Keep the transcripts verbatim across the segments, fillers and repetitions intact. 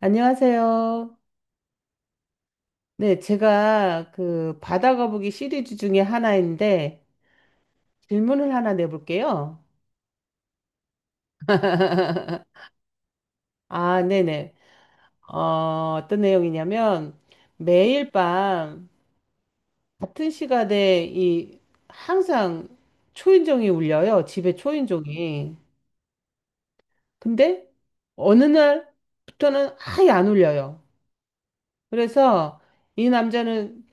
안녕하세요. 네, 제가 그 바다 거북이 시리즈 중에 하나인데 질문을 하나 내볼게요. 아, 네네. 어, 어떤 내용이냐면 매일 밤 같은 시간에 이 항상 초인종이 울려요. 집에 초인종이. 근데 어느 날부터는 아예 안 울려요. 그래서 이 남자는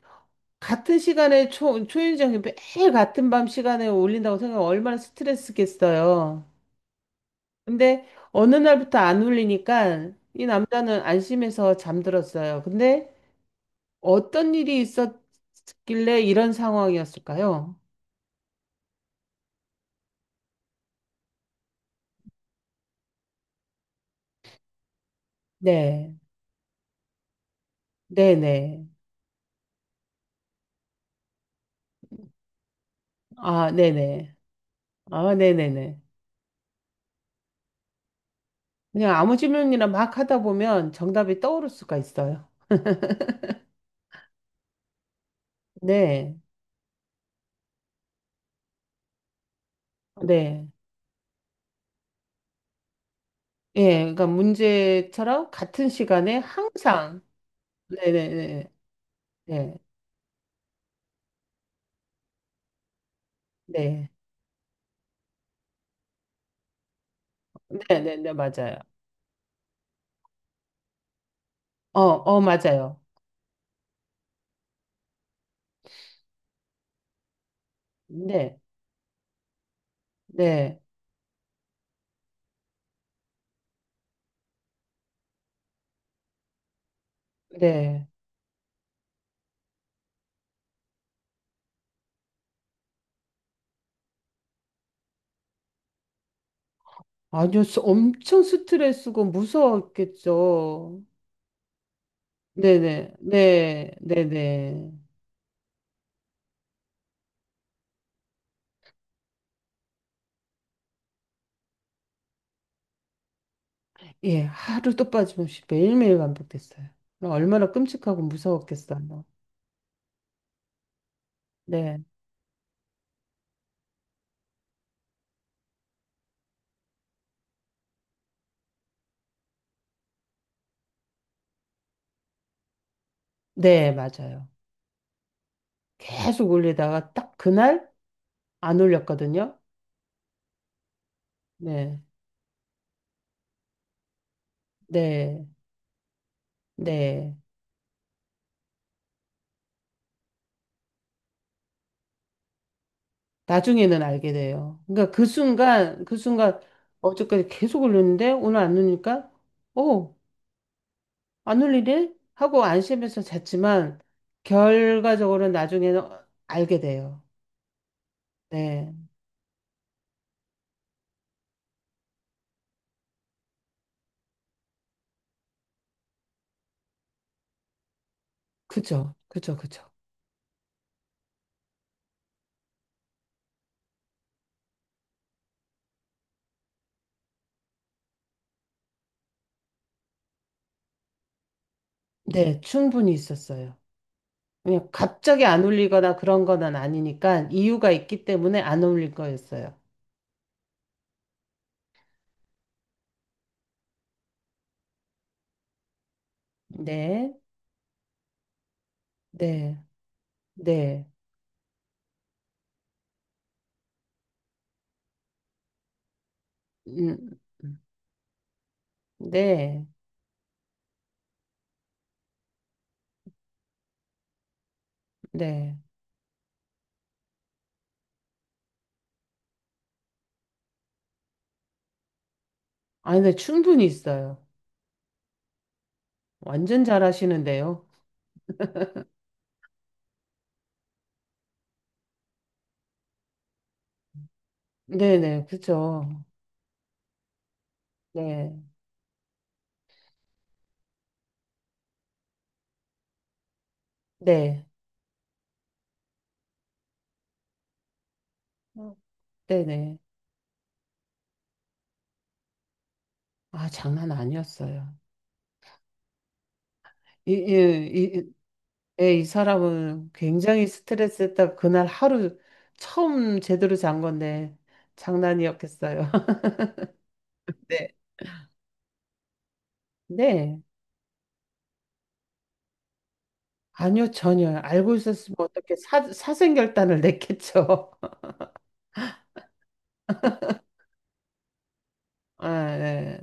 같은 시간에 초, 초인종이 매일 같은 밤 시간에 울린다고 생각하면 얼마나 스트레스겠어요. 근데 어느 날부터 안 울리니까 이 남자는 안심해서 잠들었어요. 근데 어떤 일이 있었길래 이런 상황이었을까요? 네, 네네. 아, 네네. 아, 네네네. 그냥 아무 질문이나 막 하다 보면 정답이 떠오를 수가 있어요. 네, 네. 예, 그러니까 문제처럼 같은 시간에 항상 네네네. 네, 네, 네, 네, 네, 맞아요. 어, 어, 맞아요. 네, 네, 네. 아주 스- 엄청 스트레스고 무서웠겠죠. 네, 네, 네, 네, 네. 예, 하루도 빠짐없이 매일매일 반복됐어요. 얼마나 끔찍하고 무서웠겠어요. 네, 네, 맞아요. 계속 올리다가 딱 그날 안 올렸거든요. 네, 네, 네. 나중에는 알게 돼요. 그러니까 그 순간, 그 순간 어저까지 계속 울렸는데 오늘 안리니까 오 안 울리네? 하고 안심해서 잤지만 결과적으로는 나중에는 알게 돼요. 네. 그죠. 그죠. 그죠. 네, 충분히 있었어요. 그냥 갑자기 안 울리거나 그런 건 아니니까 이유가 있기 때문에 안 울릴 거였어요. 네. 네. 네. 음, 음, 네. 네. 아니, 근데 충분히 있어요. 완전 잘하시는데요. 네네, 그죠. 네, 네, 어, 네네. 아, 장난 아니었어요. 이, 이, 이, 예, 이 사람은 굉장히 스트레스 했다. 그날 하루 처음 제대로 잔 건데 장난이었겠어요. 네, 네. 아니요, 전혀. 알고 있었으면 어떻게 사, 사생결단을 냈겠죠. 아, 네,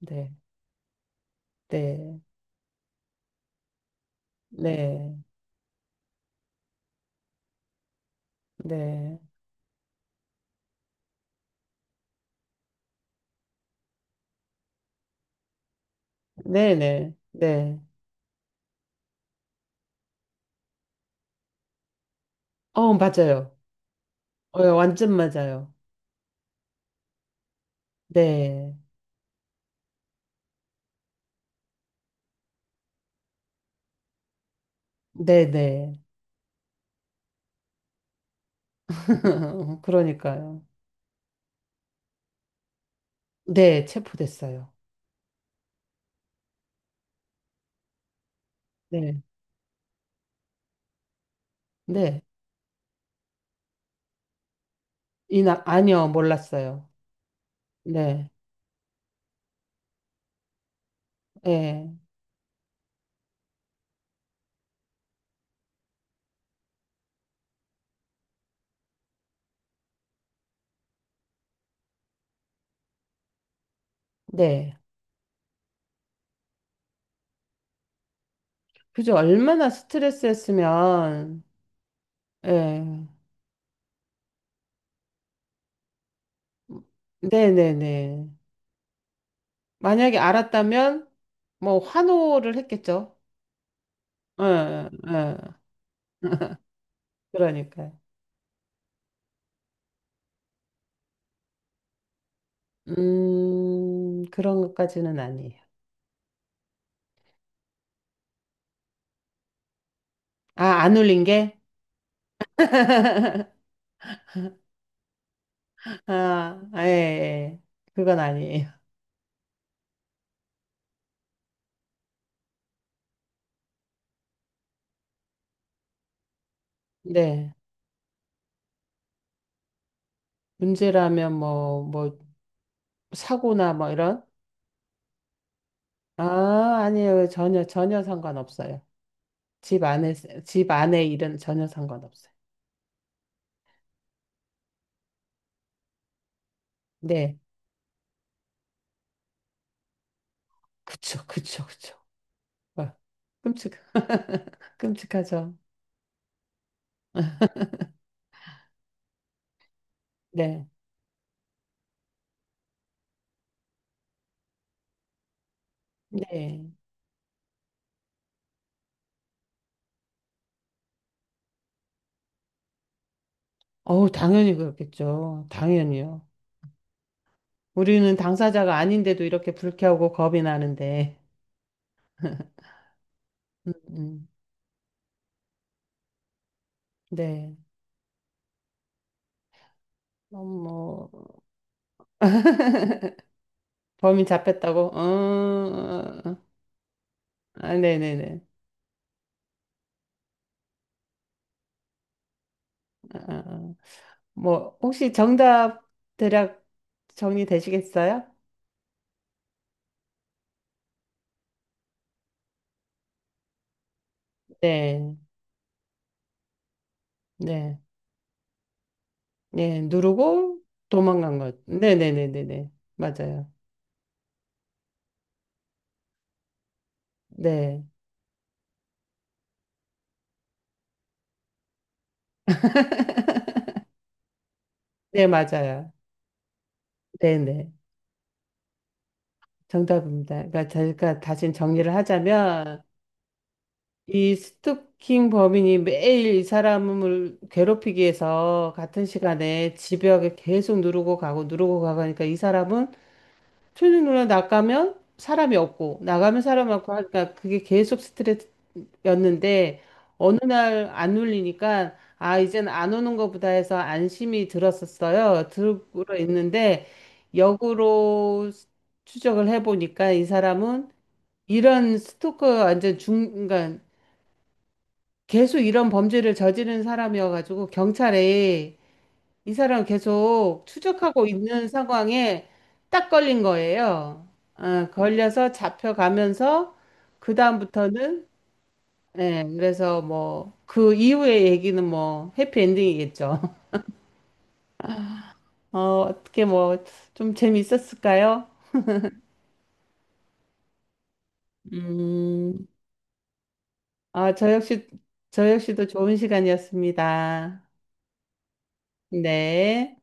네, 네, 네, 네, 네, 네. 네. 어, 맞아요. 어, 예, 완전 맞아요. 네. 네네. 그러니까요. 네, 체포됐어요. 네. 네. 이나, 아니요, 몰랐어요. 네. 예. 네. 그죠. 얼마나 스트레스였으면, 예. 네네네. 만약에 알았다면, 뭐, 환호를 했겠죠. 예, 예. 예. 그러니까요. 음, 그런 것까지는 아니에요. 아, 안 울린 게? 아, 아, 예, 예. 그건 아니에요. 네. 문제라면 뭐, 뭐, 사고나 뭐 이런? 아, 아니에요. 전혀, 전혀 상관없어요. 집 안에, 집 안에 일은 전혀 상관없어요. 네. 그쵸, 그쵸, 그쵸. 와, 끔찍, 끔찍하죠. 네. 네. 어우, 당연히 그렇겠죠. 당연히요. 우리는 당사자가 아닌데도 이렇게 불쾌하고 겁이 나는데. 음, 네. 어, 뭐, 범인 잡혔다고? 어, 어, 어. 아, 네네네. 아, 아, 아. 뭐, 혹시 정답 대략 정리되시겠어요? 네, 네, 네. 누르고 도망간 것. 네네네네네. 맞아요. 네, 네, 맞아요. 네네. 정답입니다. 그러니까 제가 다시 정리를 하자면, 이 스토킹 범인이 매일 이 사람을 괴롭히기 위해서 같은 시간에 집벽에 계속 누르고 가고 누르고 가고 하니까 이 사람은 틀린 누나 나가면 사람이 없고 나가면 사람 많고 하니까 그게 계속 스트레스였는데 어느 날 안 울리니까 아 이젠 안 오는 거보다 해서 안심이 들었었어요. 들고 있는데 역으로 추적을 해보니까 이 사람은 이런 스토커 완전 중 그러니까 계속 이런 범죄를 저지른 사람이어가지고 경찰에 이 사람 계속 추적하고 있는 상황에 딱 걸린 거예요. 어, 걸려서 잡혀가면서 그다음부터는 예, 그래서 뭐 그 이후의 얘기는 뭐 해피엔딩이겠죠. 어, 어떻게 뭐 좀 재미있었을까요? 음, 아, 저 역시 저 역시도 좋은 시간이었습니다. 네.